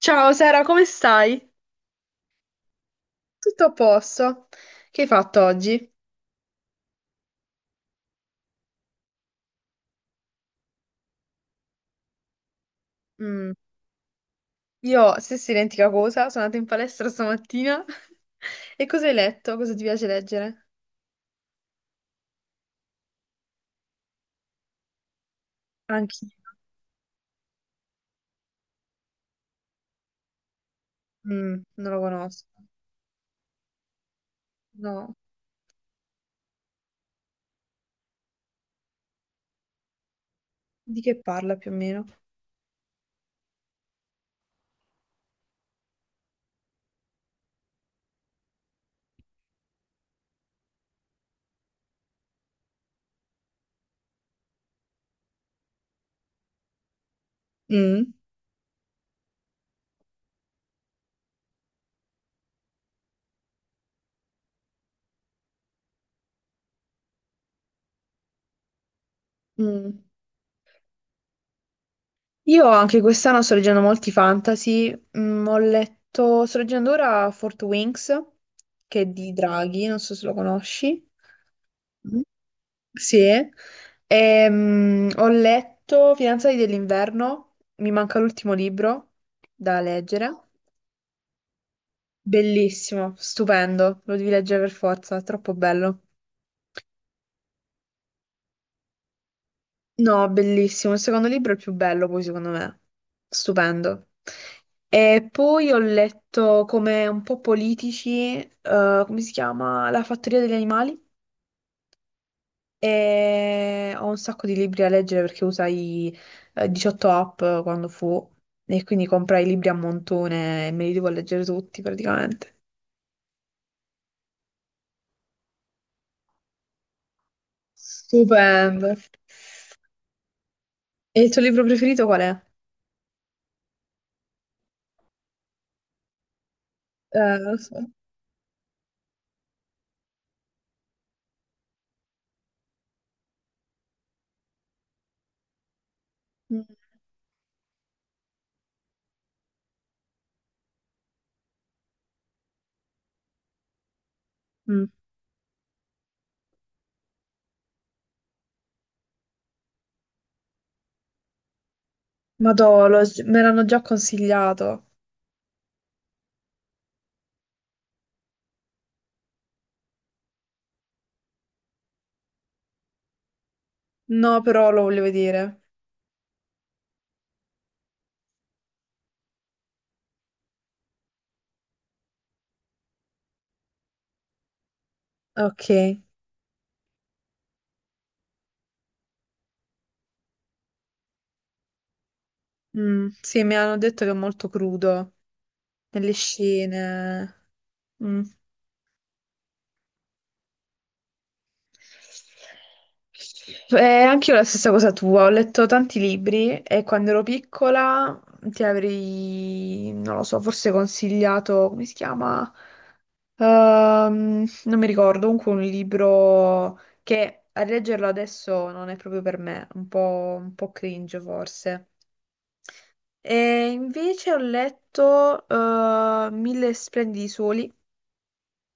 Ciao Sara, come stai? Tutto a posto? Che hai fatto oggi? Mm, Io stessa identica cosa, sono andata in palestra stamattina. E cosa hai letto? Cosa ti piace leggere? Anche. Non lo conosco. No, Di che parla più o meno? Mm. Mm. Io anche quest'anno sto leggendo molti fantasy, sto leggendo ora Fort Wings, che è di Draghi, non so se lo conosci. Mm. Sì, ho letto Fidanzati dell'inverno, mi manca l'ultimo libro da leggere. Bellissimo, stupendo, lo devi leggere per forza, è troppo bello. No, bellissimo. Il secondo libro è il più bello, poi secondo me. Stupendo. E poi ho letto come un po' politici, come si chiama? La fattoria degli animali. E ho un sacco di libri da leggere perché usai 18 app quando fu e quindi comprai i libri a montone e me li devo leggere tutti praticamente. Stupendo. E il tuo libro preferito qual è? Lo so. Mm. Mm. Madò, me l'hanno già consigliato. No, però lo voglio vedere. Ok. Mm, sì, mi hanno detto che è molto crudo nelle scene. Mm. Anche io la stessa cosa tua, ho letto tanti libri e quando ero piccola ti avrei, non lo so, forse consigliato, come si chiama? Non mi ricordo, comunque un libro che a leggerlo adesso non è proprio per me, un po' cringe forse. E invece ho letto Mille splendidi soli,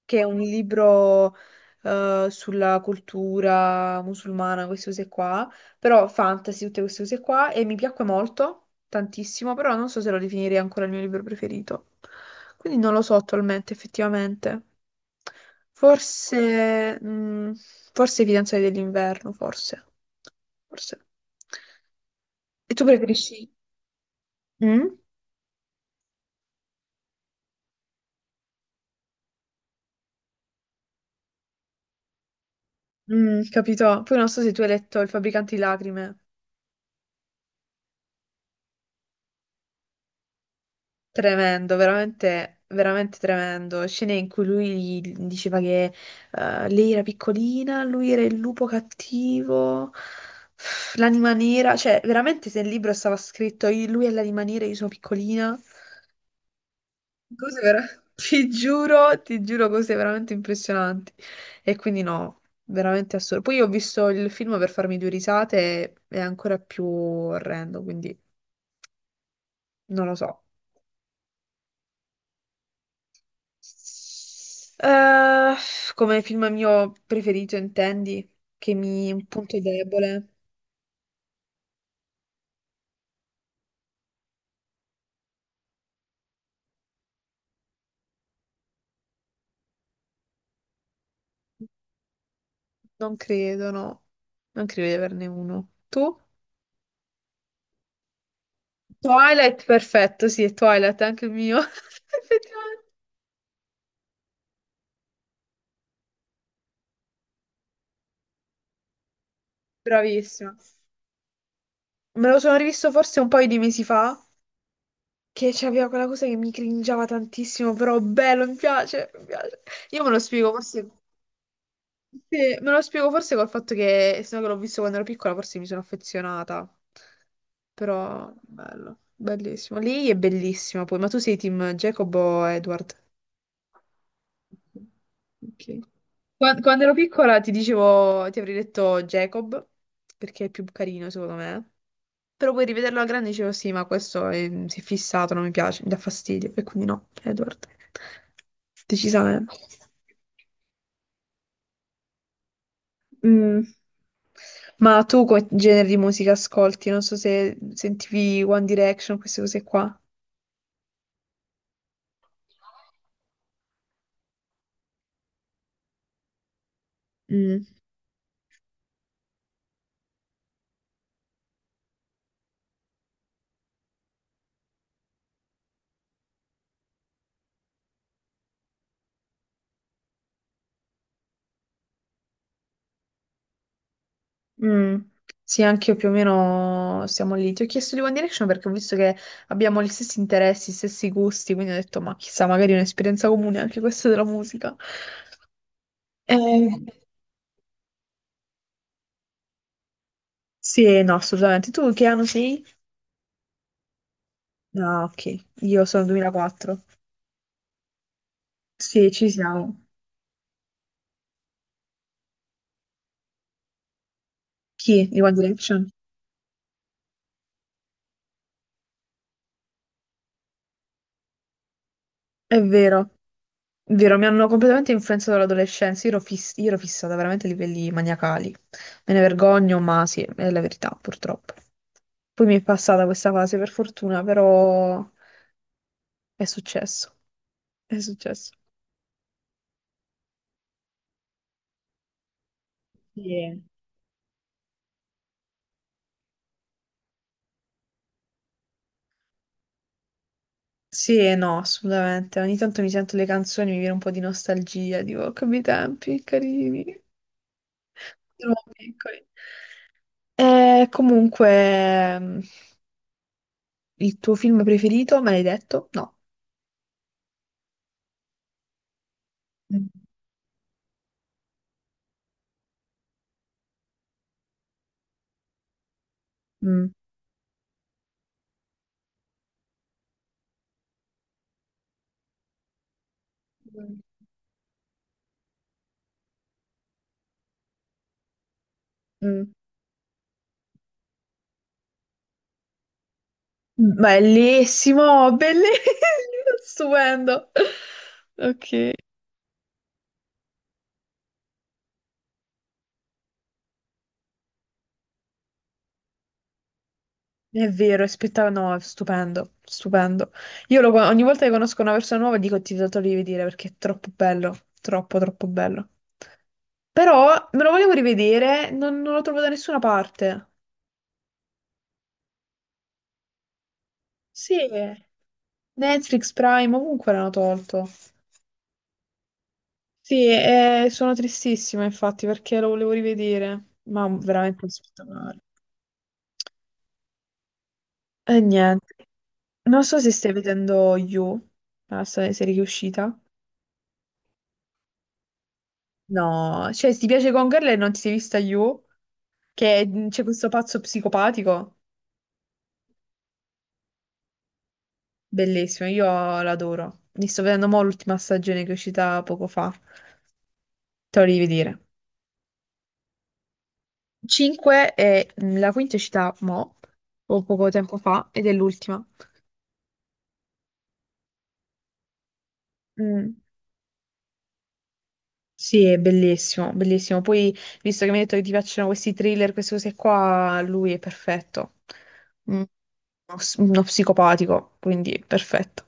che è un libro sulla cultura musulmana, queste cose qua, però fantasy, tutte queste cose qua, e mi piacque molto, tantissimo, però non so se lo definirei ancora il mio libro preferito. Quindi non lo so attualmente, effettivamente. Forse, forse I fidanzati dell'inverno, forse. Forse. E tu preferisci? Mm? Mm, capito? Poi non so se tu hai letto Il fabbricante di lacrime. Tremendo, veramente, veramente tremendo. Scene in cui lui gli diceva che lei era piccolina, lui era il lupo cattivo, l'anima nera. Cioè, veramente se il libro stava scritto lui è l'anima nera, io sono piccolina. Cose vera- ti giuro, cose veramente impressionanti. E quindi no, veramente assurdo. Poi ho visto il film per farmi due risate, è ancora più orrendo, quindi non lo so. Eh, come film mio preferito, intendi? Che mi un punto debole? Non credo, no. Non credo di averne uno. Tu? Twilight, perfetto, sì, è Twilight, è anche il mio. Effettivamente. Bravissima. Me lo sono rivisto forse un paio di mesi fa, che c'aveva quella cosa che mi cringiava tantissimo, però bello, mi piace, mi piace. Io me lo spiego, forse... Sì, me lo spiego forse col fatto che, essendo che l'ho visto quando ero piccola, forse mi sono affezionata. Però, bello, bellissimo. Lei è bellissima poi, ma tu sei team Jacob o Edward? Ok. Quando, ero piccola ti dicevo, ti avrei detto Jacob, perché è più carino secondo me. Però poi rivederlo alla grande dicevo sì, ma questo si è fissato, non mi piace, mi dà fastidio. E quindi no, Edward. Decisamente. Mm. Ma tu quale genere di musica ascolti? Non so se sentivi One Direction, queste cose qua. Mm. Mm. Sì, anche io più o meno siamo lì. Ti ho chiesto di One Direction perché ho visto che abbiamo gli stessi interessi, gli stessi gusti, quindi ho detto, ma chissà, magari è un'esperienza comune anche questa della musica. Eh, sì, no, assolutamente. Tu che anno sei? No, ok, io sono 2004. Sì, ci siamo. Chi? Di One Direction? È vero. Vero, mi hanno completamente influenzato l'adolescenza. Io ero fissata veramente a livelli maniacali. Me ne vergogno, ma sì, è la verità, purtroppo. Poi mi è passata questa fase, per fortuna, però è successo. È successo. Sì. Sì e no, assolutamente. Ogni tanto mi sento le canzoni, mi viene un po' di nostalgia, dico, "Oh, che bei tempi, carini, eravamo piccoli." E comunque, il tuo film preferito, me l'hai detto? No. Mm. Mm. Mm. Mm. Bellissimo, bellissimo, stupendo. Ok. È vero, è spettacolo, no, è stupendo, stupendo. Ogni volta che conosco una persona nuova dico ti do da rivedere perché è troppo bello, troppo, troppo bello. Però me lo volevo rivedere, non lo trovo da nessuna parte. Sì, Netflix, Prime, ovunque l'hanno tolto. Sì, sono tristissima infatti perché lo volevo rivedere, ma veramente spettacolare. E niente. Non so se stai vedendo You, la serie che è uscita. No, cioè, se ti piace Gone Girl e non ti sei vista You, che c'è questo pazzo psicopatico, bellissimo, io l'adoro. Mi sto vedendo mo' l'ultima stagione che è uscita poco fa. Te lo devi vedere. 5 e la quinta è uscita mo', o poco tempo fa, ed è l'ultima. Mm. Sì, è bellissimo, bellissimo. Poi, visto che mi hai detto che ti piacciono questi thriller, queste cose qua, lui è perfetto. Uno psicopatico, quindi perfetto.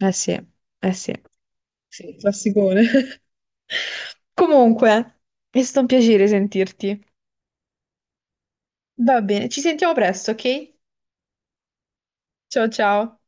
Eh sì, eh sì, sì. Classicone. Comunque, è stato un piacere sentirti. Va bene, ci sentiamo presto, ok? Ciao ciao.